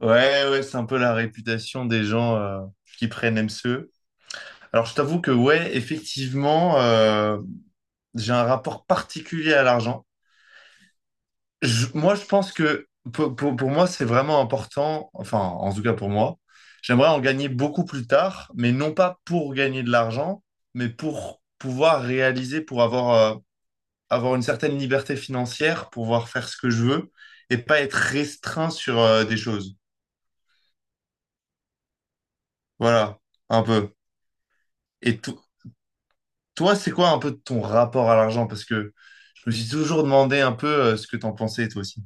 Ouais, ouais, c'est un peu la réputation des gens qui prennent MCE. Alors, je t'avoue que, ouais, effectivement, j'ai un rapport particulier à l'argent. Moi, je pense que pour moi, c'est vraiment important, enfin, en tout cas pour moi, j'aimerais en gagner beaucoup plus tard, mais non pas pour gagner de l'argent, mais pour pouvoir réaliser, pour avoir, avoir une certaine liberté financière, pouvoir faire ce que je veux et pas être restreint sur, des choses. Voilà, un peu. Et, to- Toi, c'est quoi un peu ton rapport à l'argent? Parce que je me suis toujours demandé un peu ce que t'en pensais toi aussi.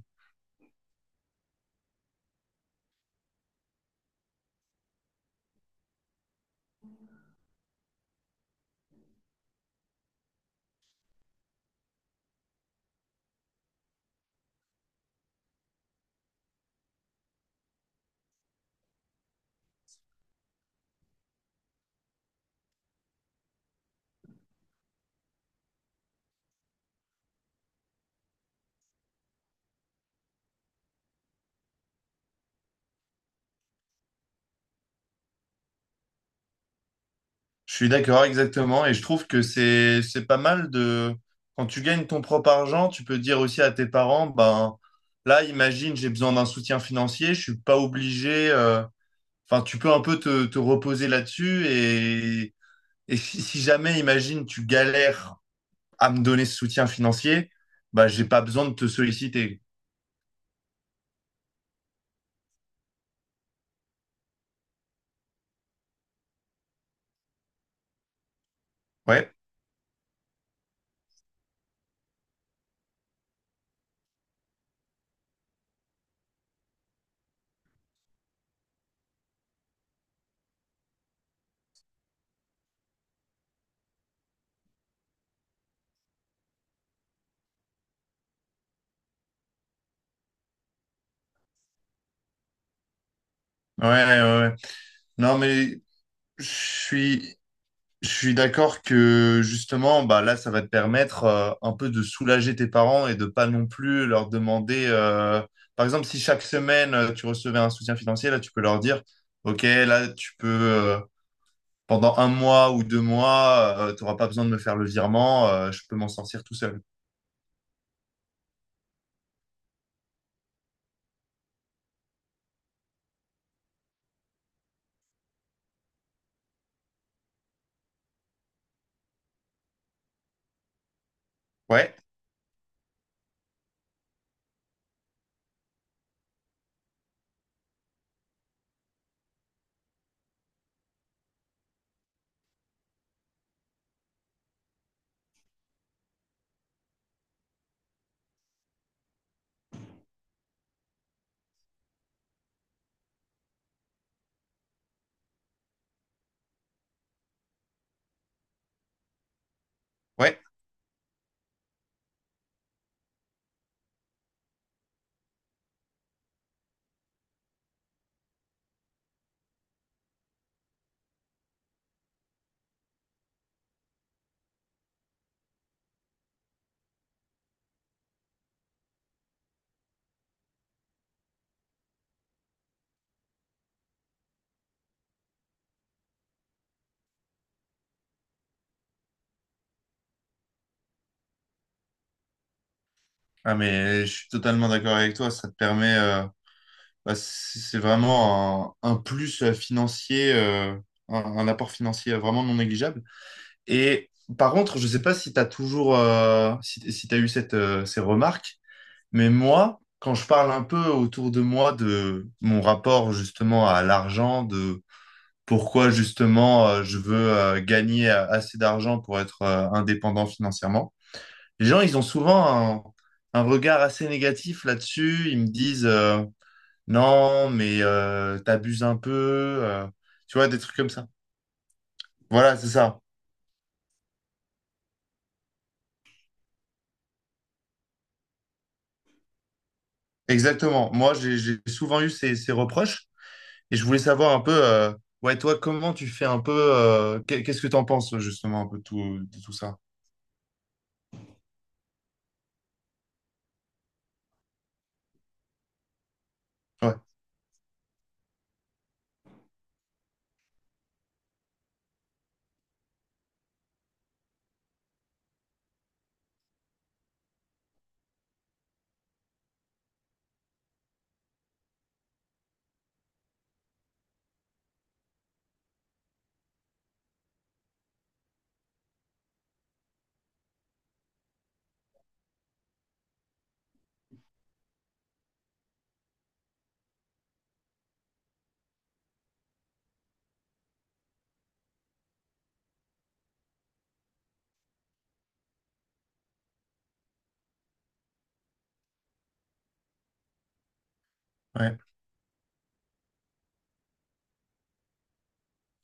Je suis d'accord exactement et je trouve que c'est pas mal de quand tu gagnes ton propre argent, tu peux dire aussi à tes parents, ben là, imagine, j'ai besoin d'un soutien financier, je suis pas obligé. Enfin, tu peux un peu te reposer là-dessus et si jamais, imagine, tu galères à me donner ce soutien financier, bah j'ai pas besoin de te solliciter. Ouais, ouais, ouais. Ouais. Non, mais je suis, je suis d'accord que justement, bah là, ça va te permettre un peu de soulager tes parents et de pas non plus leur demander. Par exemple, si chaque semaine tu recevais un soutien financier, là, tu peux leur dire, OK, là, tu peux pendant un mois ou deux mois, tu n'auras pas besoin de me faire le virement, je peux m'en sortir tout seul. Ouais, ouais. Ah, mais je suis totalement d'accord avec toi. Ça te permet, bah, c'est vraiment un plus financier, un apport financier vraiment non négligeable. Et par contre, je sais pas si tu as toujours, si, si tu as eu cette, ces remarques, mais moi, quand je parle un peu autour de moi de mon rapport justement à l'argent, de pourquoi justement je veux gagner assez d'argent pour être indépendant financièrement, les gens, ils ont souvent un regard assez négatif là-dessus. Ils me disent, non, mais t'abuses un peu, tu vois, des trucs comme ça. Voilà, c'est ça. Exactement. Moi, j'ai souvent eu ces, ces reproches et je voulais savoir un peu, ouais, toi, comment tu fais un peu, qu'est- qu'est-ce que t'en penses justement un peu de tout ça? Ouais, ouais.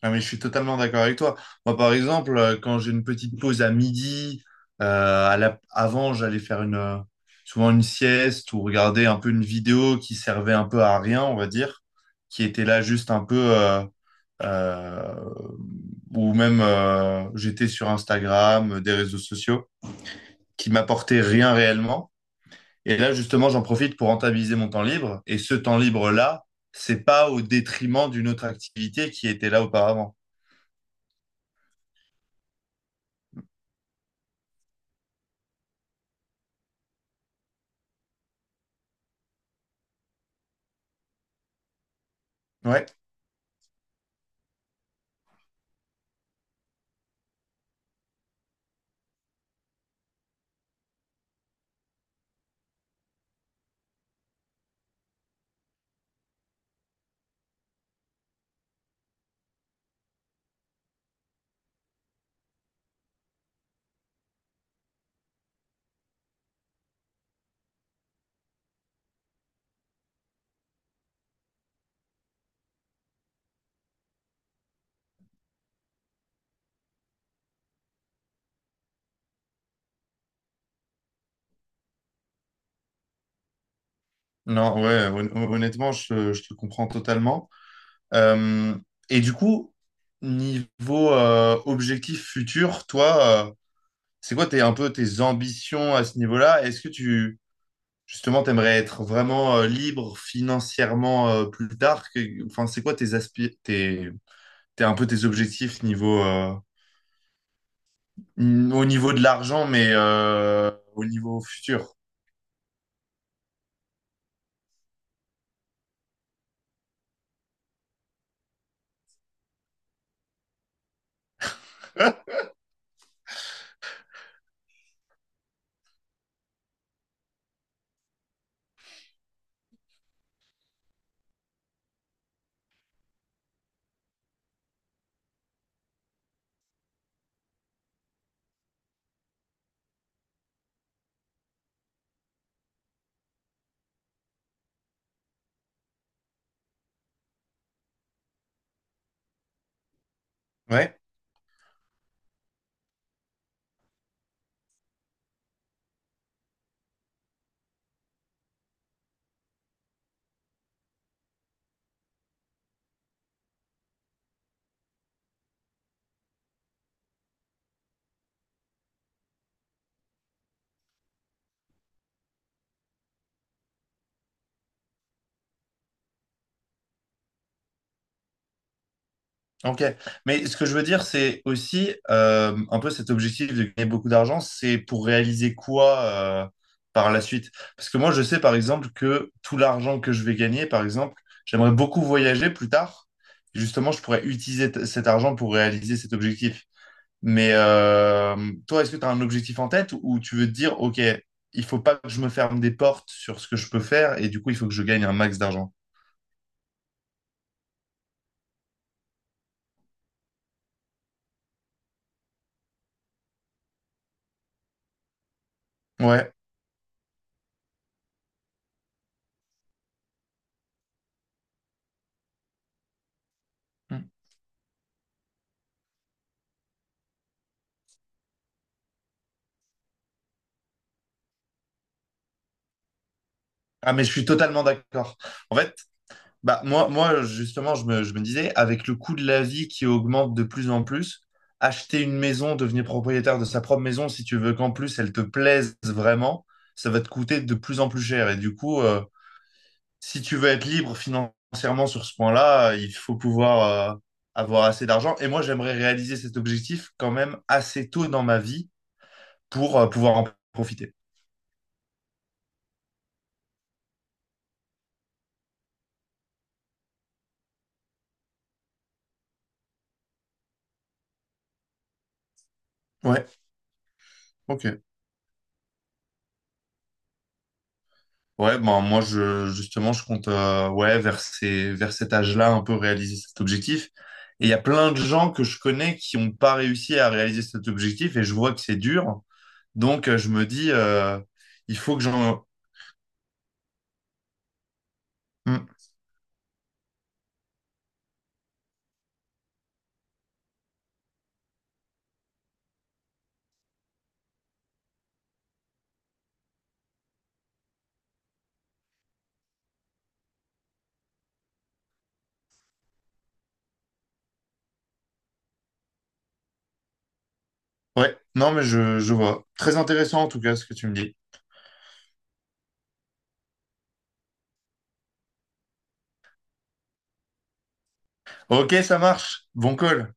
Ah, mais je suis totalement d'accord avec toi. Moi, par exemple, quand j'ai une petite pause à midi, à la- avant, j'allais faire une, souvent une sieste ou regarder un peu une vidéo qui servait un peu à rien, on va dire, qui était là juste un peu, euh, ou même j'étais sur Instagram, des réseaux sociaux, qui m'apportait rien réellement. Et là, justement, j'en profite pour rentabiliser mon temps libre. Et ce temps libre-là, c'est pas au détriment d'une autre activité qui était là auparavant. Ouais, non, ouais, hon- honnêtement, je te comprends totalement. Euh, et du coup, niveau objectif futur, toi, c'est quoi tes, un peu tes ambitions à ce niveau-là? Est-ce que tu, justement, t'aimerais être vraiment libre financièrement plus tard? Que- enfin, c'est quoi tes aspi- tes, t'es un peu tes objectifs niveau, n- au niveau de l'argent, mais au niveau futur. Ouais. Ok. Mais ce que je veux dire, c'est aussi un peu cet objectif de gagner beaucoup d'argent, c'est pour réaliser quoi euh, par la suite? Parce que moi, je sais par exemple que tout l'argent que je vais gagner, par exemple, j'aimerais beaucoup voyager plus tard. Justement, je pourrais utiliser t- cet argent pour réaliser cet objectif. Mais toi, est-ce que tu as un objectif en tête ou tu veux te dire, OK, il faut pas que je me ferme des portes sur ce que je peux faire et du coup, il faut que je gagne un max d'argent. Ouais. Mm. Ah, mais je suis totalement d'accord. En fait, bah, justement, je me disais, avec le coût de la vie qui augmente de plus en plus, acheter une maison, devenir propriétaire de sa propre maison, si tu veux qu'en plus elle te plaise vraiment, ça va te coûter de plus en plus cher. Et du coup, si tu veux être libre financièrement sur ce point-là, il faut pouvoir avoir assez d'argent. Et moi, j'aimerais réaliser cet objectif quand même assez tôt dans ma vie pour pouvoir en profiter. Ouais, ok. Ouais, ben moi je justement je compte ouais vers ces vers cet âge-là un peu réaliser cet objectif. Et il y a plein de gens que je connais qui n'ont pas réussi à réaliser cet objectif et je vois que c'est dur. Donc je me dis il faut que j'en Hmm. Ouais, non mais je vois. Très intéressant en tout cas ce que tu me dis. Ok, ça marche. Bon call.